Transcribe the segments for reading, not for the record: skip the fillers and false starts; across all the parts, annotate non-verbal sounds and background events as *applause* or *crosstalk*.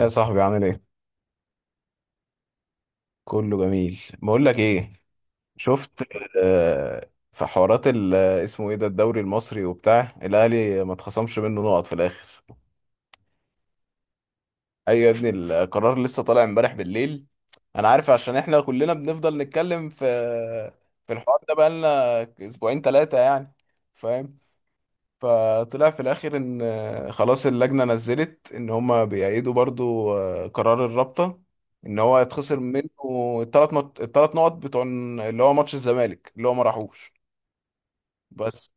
يا صاحبي، عامل ايه؟ كله جميل، بقول لك ايه، شفت. في حوارات اسمه ايه ده، الدوري المصري وبتاع الاهلي ما اتخصمش منه نقط في الاخر. ايوه يا ابني، القرار لسه طالع امبارح بالليل. انا عارف، عشان احنا كلنا بنفضل نتكلم في الحوار ده بقالنا اسبوعين ثلاثة يعني، فاهم. فطلع في الاخر ان خلاص اللجنه نزلت ان هما بيأيدوا برضو قرار الرابطه، ان هو يتخسر منه الثلاث نقط، الثلاث نقط بتوع اللي هو ماتش الزمالك اللي هو ما راحوش. بس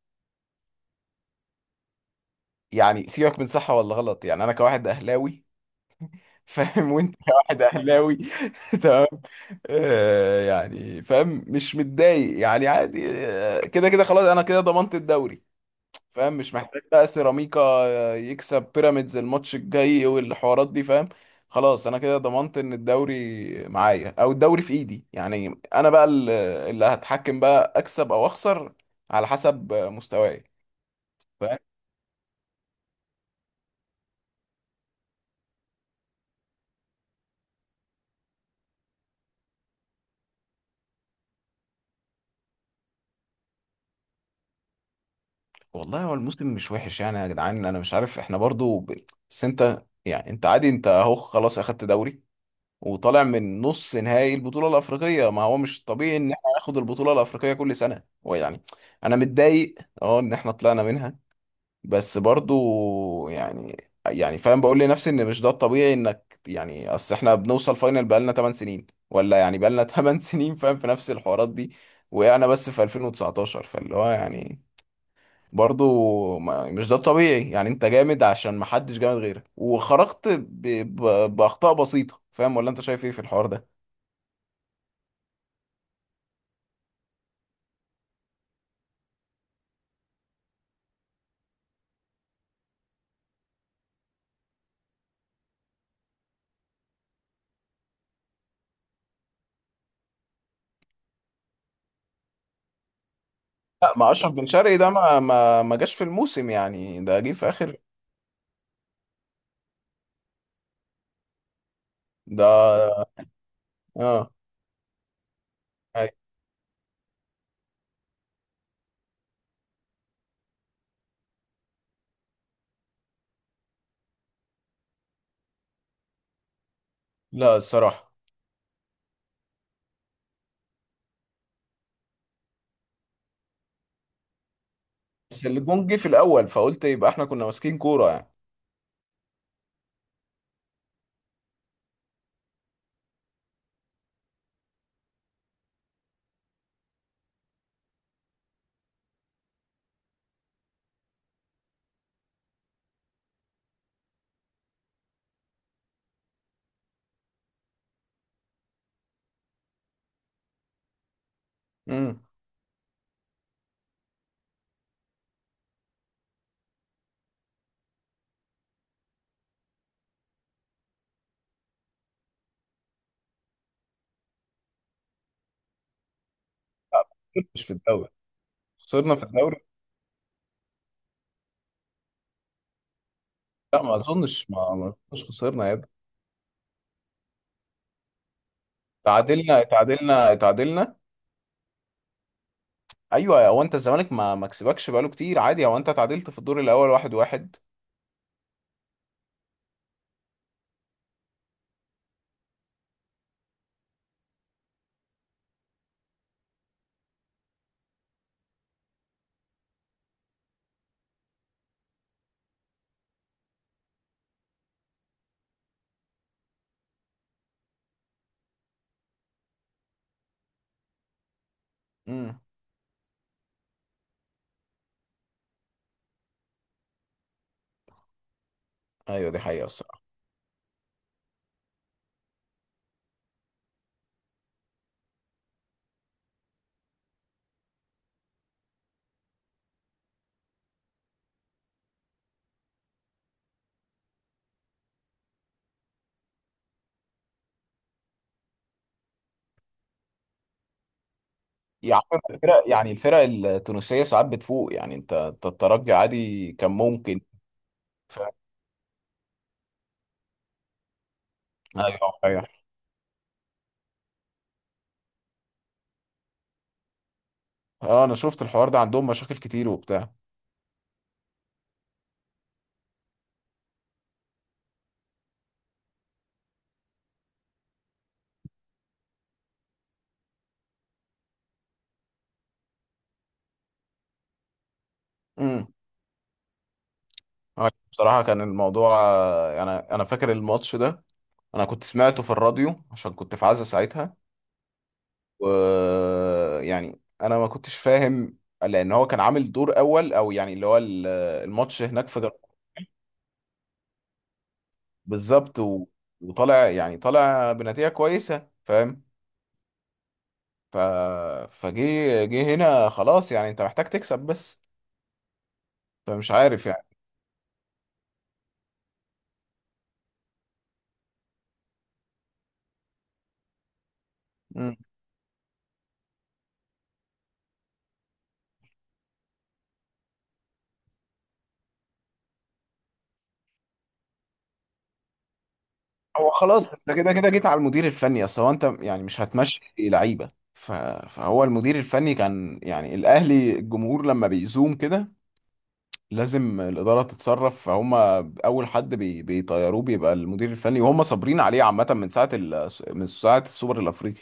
يعني سيبك من صح ولا غلط، يعني انا كواحد اهلاوي. *laughs* فاهم، وانت كواحد اهلاوي. *laughs* تمام. يعني فاهم، مش متضايق يعني، عادي، كده كده خلاص، انا كده ضمنت الدوري، فاهم، مش محتاج بقى سيراميكا يكسب بيراميدز الماتش الجاي والحوارات دي، فاهم. خلاص انا كده ضمنت ان الدوري معايا، او الدوري في ايدي، يعني انا بقى اللي هتحكم بقى اكسب او اخسر على حسب مستواي، فاهم. والله هو الموسم مش وحش يعني، يا جدعان انا مش عارف، احنا برضو بس انت يعني، انت عادي، انت اهو خلاص اخدت دوري وطالع من نص نهائي البطولة الأفريقية. ما هو مش طبيعي إن احنا ناخد البطولة الأفريقية كل سنة، ويعني أنا متضايق، أه إن احنا طلعنا منها، بس برضو يعني فاهم، بقول لنفسي إن مش ده الطبيعي إنك يعني، أصل احنا بنوصل فاينل بقالنا 8 سنين، ولا يعني بقالنا *laughs* 8 سنين، فاهم، في نفس الحوارات دي. وقعنا بس في 2019، فاللي هو يعني، برضو مش ده الطبيعي يعني، انت جامد عشان محدش جامد غيرك، وخرجت بأخطاء بسيطة، فاهم، ولا انت شايف ايه في الحوار ده. لا، ما اشرف بن شرقي ده ما جاش في الموسم يعني، ده جه في اخر. ده، اه. أي. لا الصراحه. بس الجون جه في الاول، فقلت يبقى احنا كنا ماسكين كوره يعني. امم. مش في الدوري، خسرنا في الدوري. لا ما اظنش، خسرنا يا ابني. تعادلنا، تعادلنا، تعادلنا. ايوه، هو انت الزمالك ما كسبكش بقاله كتير، عادي، هو انت تعادلت في الدور الاول واحد واحد. امم. ايوه، دي حقيقه الصراحه. يعني الفرق، يعني الفرق التونسيه ساعات بتفوق يعني، أنت الترجي عادي كان ممكن. ايوه، ايوه، اه، انا شفت الحوار ده، عندهم مشاكل كتير وبتاع. امم. أيوة، بصراحه كان الموضوع يعني انا فاكر الماتش ده، انا كنت سمعته في الراديو عشان كنت في عزا ساعتها. و يعني انا ما كنتش فاهم، لان هو كان عامل دور اول، او يعني اللي هو الماتش هناك بالظبط وطالع، يعني طالع بنتيجه كويسه، فاهم. ف... فجه جه هنا، خلاص يعني، انت محتاج تكسب بس، فمش عارف يعني. هو خلاص انت كده كده جيت على المدير الفني، اصل هو انت يعني مش هتمشي لعيبه، فهو المدير الفني كان يعني، الاهلي الجمهور لما بيزوم كده لازم الاداره تتصرف، فهم اول حد بيطيروه بيبقى المدير الفني، وهم صابرين عليه عامه من من ساعه السوبر الافريقي،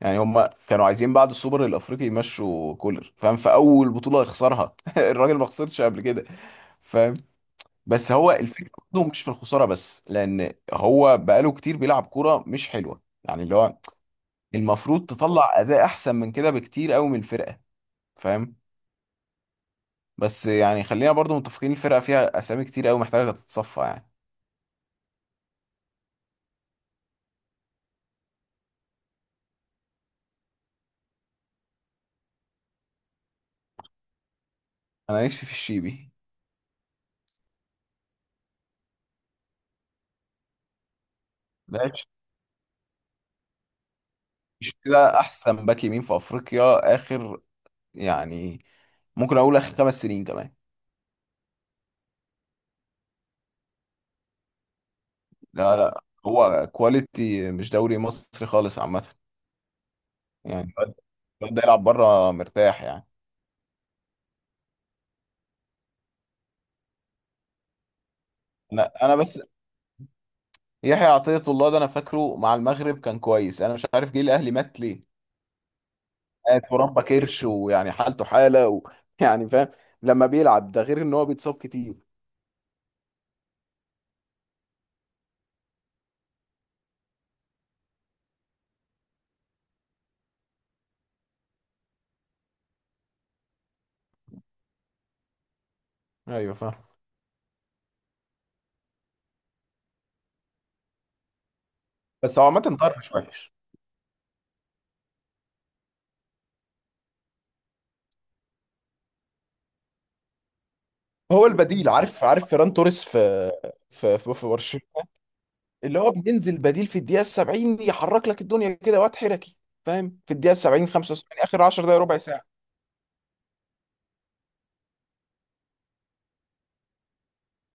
يعني هم كانوا عايزين بعد السوبر الافريقي يمشوا كولر، فاهم، في اول بطوله يخسرها. *laughs* الراجل ما خسرش قبل كده، فاهم. بس هو الفكره برضه مش في الخساره بس، لان هو بقاله كتير بيلعب كوره مش حلوه يعني، اللي هو المفروض تطلع اداء احسن من كده بكتير قوي من الفرقه، فاهم. بس يعني خلينا برضه متفقين، الفرقه فيها اسامي كتير قوي محتاجه تتصفى يعني. انا نفسي في الشيبي، ده مش كده احسن باك يمين في افريقيا، اخر يعني، ممكن اقول اخر 5 سنين كمان. لا لا، هو كواليتي، مش دوري مصري خالص عامه، يعني الواد ده يلعب بره مرتاح يعني. انا بس يحيى عطية الله ده انا فاكره مع المغرب كان كويس، انا مش عارف جه الاهلي مات ليه. ترامبا كرش، ويعني حالته حاله *laughs* يعني فاهم، لما بيلعب ده غير ان هو بيتصاب كتير. ايوه فاهم. بس هو عامة طاهر مش وحش، هو البديل، عارف فيران توريس في في برشلونة، اللي هو بينزل بديل في الدقيقة 70، يحرك لك الدنيا كده، وقت حركي، فاهم، في الدقيقة 70، 75، اخر 10 دقايق، ربع ساعة.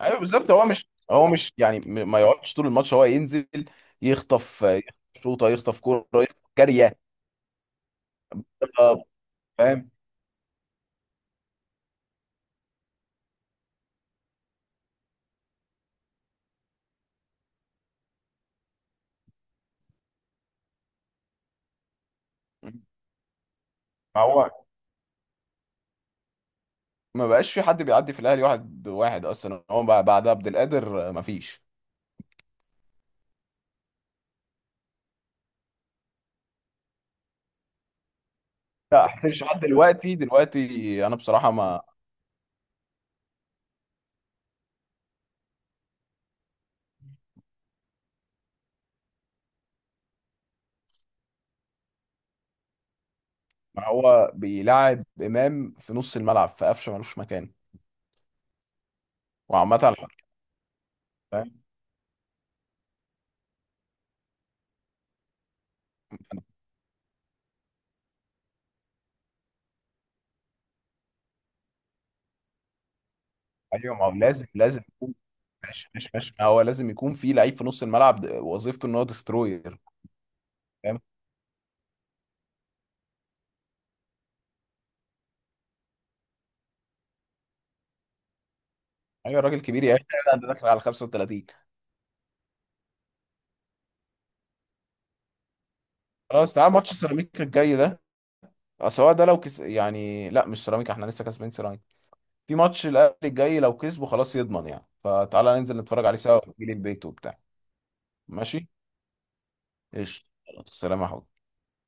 ايوه بالظبط، هو مش يعني ما يقعدش طول الماتش، هو ينزل يخطف، يخطف شوطه، يخطف كوره، يخطف كاريه. آه، فاهم. ما هو ما بقاش في حد بيعدي في الاهلي واحد واحد اصلا، هو بقى بعد عبد القادر، ما فيش. لا حسين شحات دلوقتي، دلوقتي انا بصراحه ما. ما هو بيلعب امام في نص الملعب، في قفشه ملوش مكان، وعامه الحر، فاهم. ايوه ما هو لازم لازم يكون، ماشي ماشي ماشي، ما هو لازم يكون في لعيب في نص الملعب، وظيفته ان هو ديستروير، فاهم. ايوه الراجل كبير يا اخي، لا ده داخل على 35. خلاص، تعال ماتش سيراميكا الجاي ده سواء، ده يعني لا مش سيراميكا، احنا لسه كسبين سيراميكا، في ماتش الاهلي الجاي لو كسبه خلاص يضمن يعني، فتعالى ننزل نتفرج عليه سوا، ونجيلي البيت وبتاع. ماشي. ايش خلاص، سلام يا حبيبي.